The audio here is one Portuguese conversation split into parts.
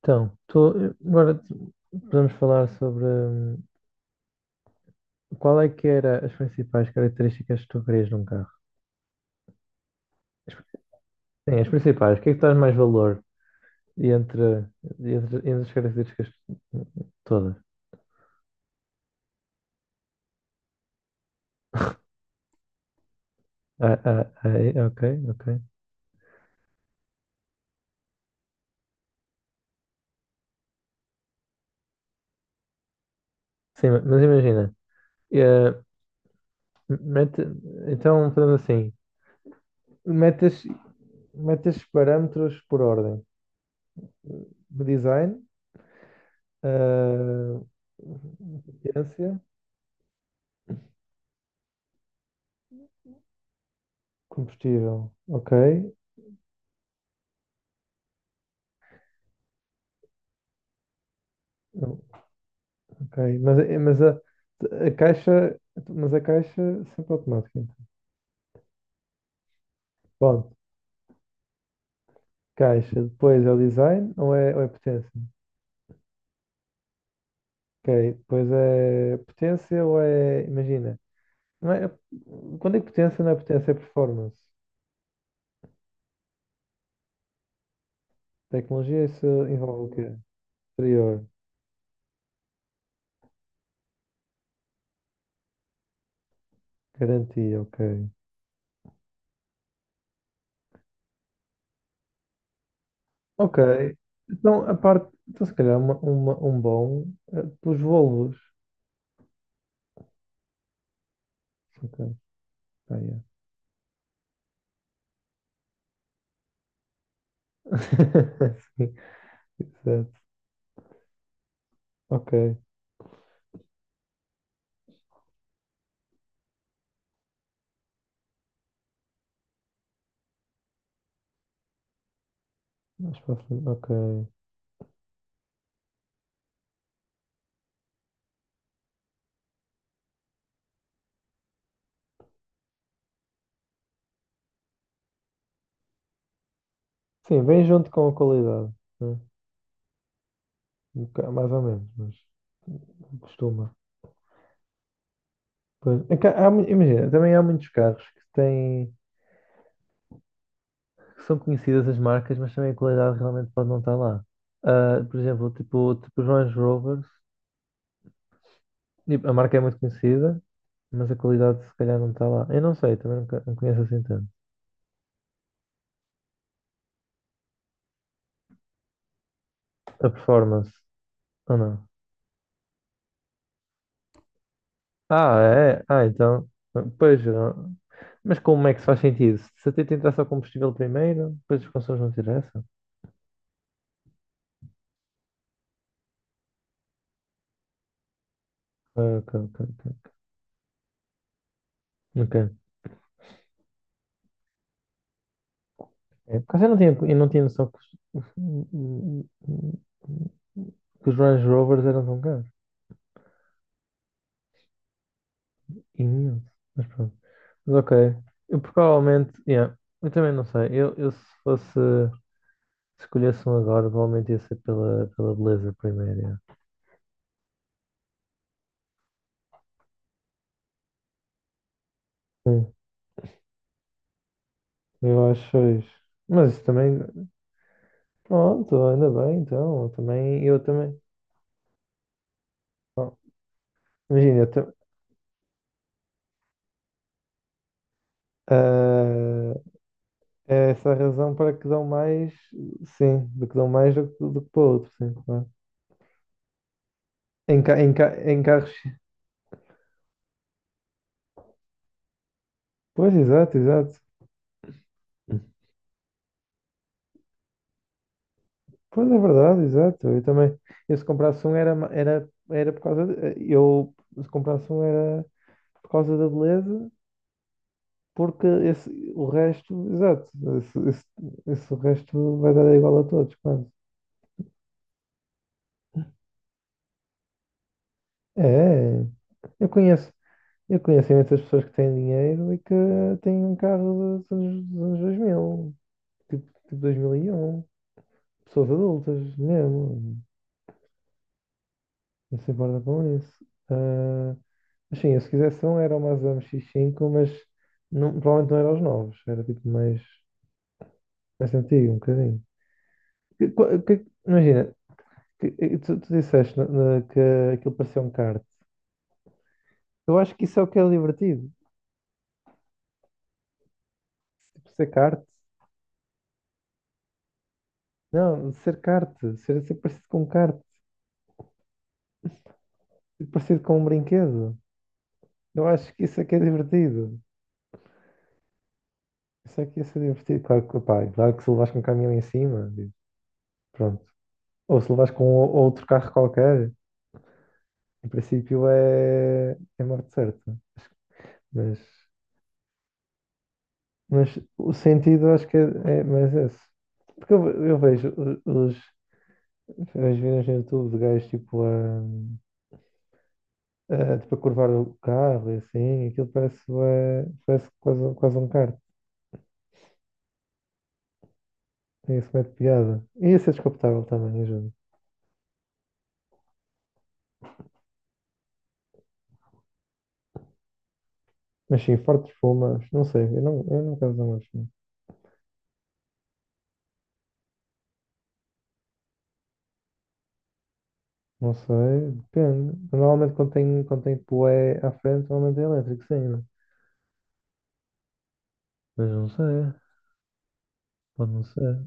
Então, agora podemos falar sobre qual é que era as principais características que tu querias num carro? As- Sim, as principais. O que é que traz mais valor e entre, entre as características todas? Ah, ok, ok. Sim, mas imagina, eh, mete, então fazemos assim, metes, metes parâmetros por ordem. Design, eh, potência, combustível, ok. Ok, mas, a caixa, mas a caixa sempre automática. Bom, caixa, depois é o design ou é potência? Ok, depois é potência ou é, imagina, não é, quando é que potência não é potência, é performance. Tecnologia, isso envolve o quê? Exterior, garantia, ok. Ok, então se calhar um bom pelos Volvos. Ok, ah, yeah. Sim, exato. Ok, mais para a frente, ok. Sim, vem junto com a qualidade, né? Mais ou menos, mas costuma. Pois, é que imagina, também há muitos carros que têm, que são conhecidas as marcas, mas também a qualidade realmente pode não estar lá. Ah, por exemplo, tipo os Range Rovers, tipo, a marca é muito conhecida, mas a qualidade se calhar não está lá. Eu não sei, também não conheço assim tanto. A performance, ou não? Ah, é? Ah, então, pois, eu não. Mas como é que se faz sentido? Se até tentar só combustível primeiro, depois os consumos não interessam? Ah, ok, ok, ok. Ok. É, por acaso eu não tinha noção os, que os Range Rovers eram tão caros. Imenso. Mas pronto. Mas ok. Eu provavelmente, yeah, eu também não sei. Eu se escolhesse um agora, provavelmente ia ser pela beleza primeiro. Yeah. Sim, eu acho isso. Mas isso também, pronto, ainda bem, então, eu também, eu também. Bom, imagina, eu também. É essa a razão para que dão mais, sim, do que dão mais do que para outro, sim, claro. Em carros. Pois, exato, exato. Pois é verdade, exato. Eu também. Eu se comprasse um era por causa de, eu se comprasse um era por causa da beleza, porque esse, o resto, exato, esse, esse, esse resto vai dar igual a todos, quase. É, é. eu conheço, eu conheço imensas pessoas que têm dinheiro e que têm um carro dos anos 2000. Tipo 2001. Pessoas adultas, mesmo. Não se importa com isso. Ah, mas sim, eu se quisesse um era o Mazda MX-5, mas não, provavelmente não era os novos. Era tipo mais antigo, um bocadinho. Imagina, que tu disseste que aquilo parecia um kart. Eu acho que isso é o que é divertido. Tipo, ser kart. Não, ser kart. Ser parecido com um kart. Ser parecido com um brinquedo. Eu acho que isso é que é divertido. Isso aqui ia ser divertido, claro que, pá, claro que se levas com um caminhão em cima, pronto. Ou se levas com outro carro qualquer, em princípio é morte certa. Mas, mas o sentido acho que é mais esse. Porque eu vejo os as vídeos no YouTube de gajos tipo a curvar o carro e assim, aquilo parece, parece quase, quase um kart. Tem esse método de piada. E esse é descapotável também, ajuda. Mas sim, fortes fumas, não sei, eu não quero usar mais. Não sei, depende. Normalmente quando tem poé à frente, normalmente é elétrico, sim, né? Mas não sei, pode não ser.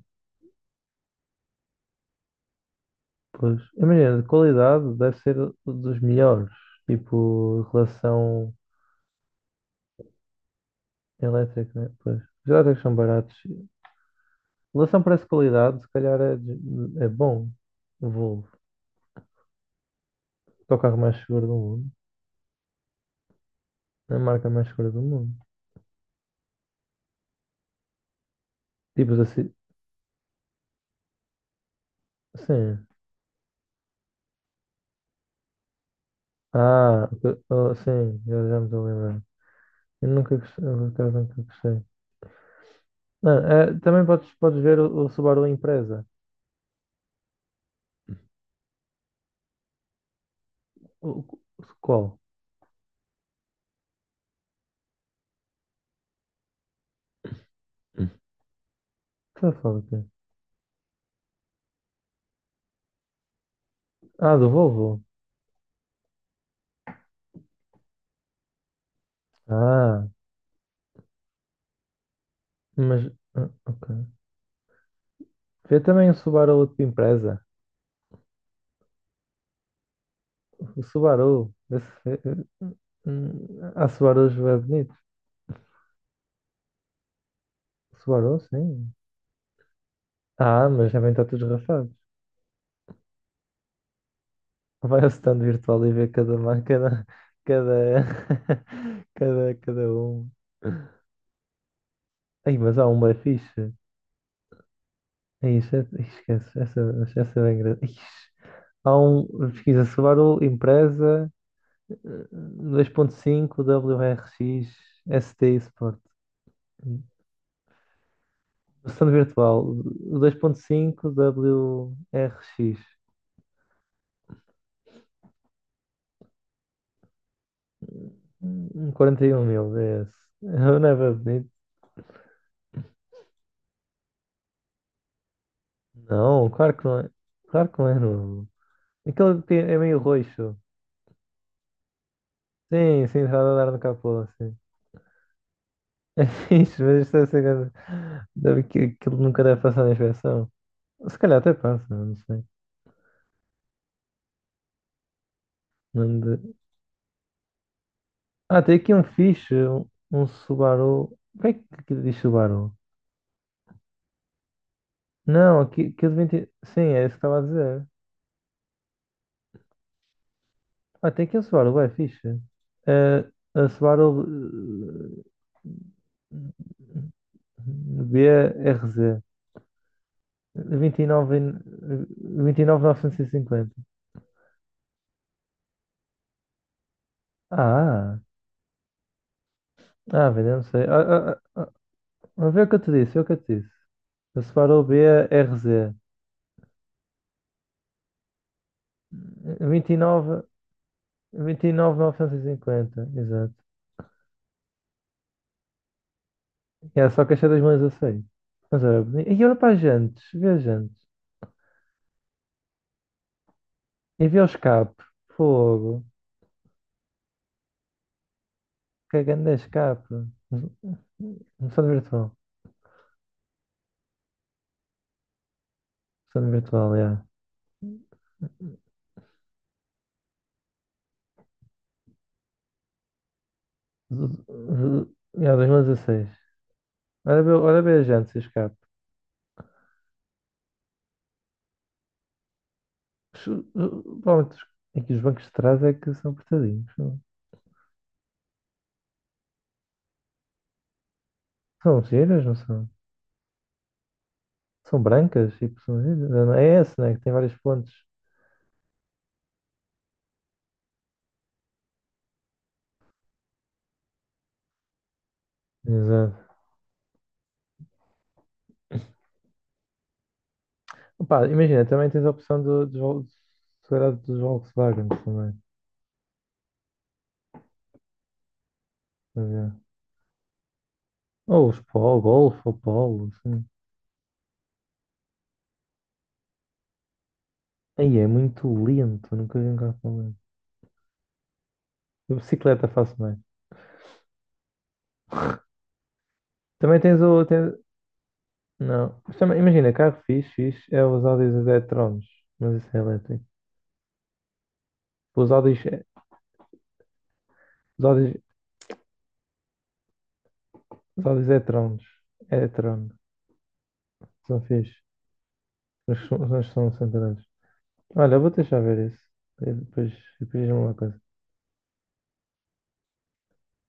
Pois, imagina, de qualidade deve ser dos melhores. Tipo, relação elétrica, né? Pois, os elétricos são baratos. Relação preço-qualidade, se calhar é bom. O Volvo. É o carro mais seguro do mundo. É a marca mais segura do mundo. Tipos assim, sim. Ah, oh, sim, já me estou a lembrar. Eu nunca gostei, eu por acaso nunca gostei. Não, também podes ver o Subaru Impreza. O, o- Qual? Hum. Está a falar do quê? Ah, do Volvo. Ah, mas. Ah, ok. Vê também o Subaru de Impreza. O Subaru. Esse, há Subarus bem bonitos. Subaru, sim. Ah, mas já vem todos rafados. Vai ao stand virtual e vê cada marca, cada, cada um. Ai, mas há uma fixe. É isso, esquece, essa é engraçada. Há um, pesquisa Subaru empresa 2.5 W R X S T Sport. Versão virtual, o 2.5 W R X. Um 41.000, é esse. Eu Não é bem bonito? Não, claro que não é. Claro que não é novo. Aquele que é meio roxo. Sim, sim, está a andar no capô, sim. É fixe, mas isto deve ser grande. Aquilo nunca deve passar na inspeção. Se calhar até passa, não sei. Não de- Ah, tem aqui um fixe, um Subaru. Como é que aqui diz Subaru? Não, aqui de vinte. Sim, é isso que estava a dizer. Ah, tem aqui um Subaru, é fixe. É, a Subaru eh, B R Z 29, 29.950. Ah, ah, velho, eu não sei. Ah, a ver o que eu te disse, é o que eu te disse. A Subaru B R BRZ 29. Vinte e nove mil novecentos e cinquenta, exato. É só caixa 2016. Mas era bonito. E olha para as jantes, vê as jantes. E vê o escape, fogo. Que grande escape. Versão virtual. Versão virtual, é. É 2016. Olha bem as jantes e o escape. Provavelmente aqui os bancos de trás é que são apertadinhos. São, são giras, não são? São brancas, tipo, são giras. É esse, né? Que tem vários pontos. Exato. Pá, imagina, também tens a opção se calhar dos Volkswagen também. A ver. Ou os Polo, Golf ou Polo, assim. Aí é muito lento, nunca vi um carro tão lento. A bicicleta faço bem. Também tens o. Tens. Não. Mas também, imagina, carro fixe, fixe é os Audis e-trons, mas isso é elétrico. Os Audis, é, os Audis, os Audis e-trons, e-tron, são fixe, mas são centrais. Olha, eu vou deixar ver isso. E depois diz-me uma coisa.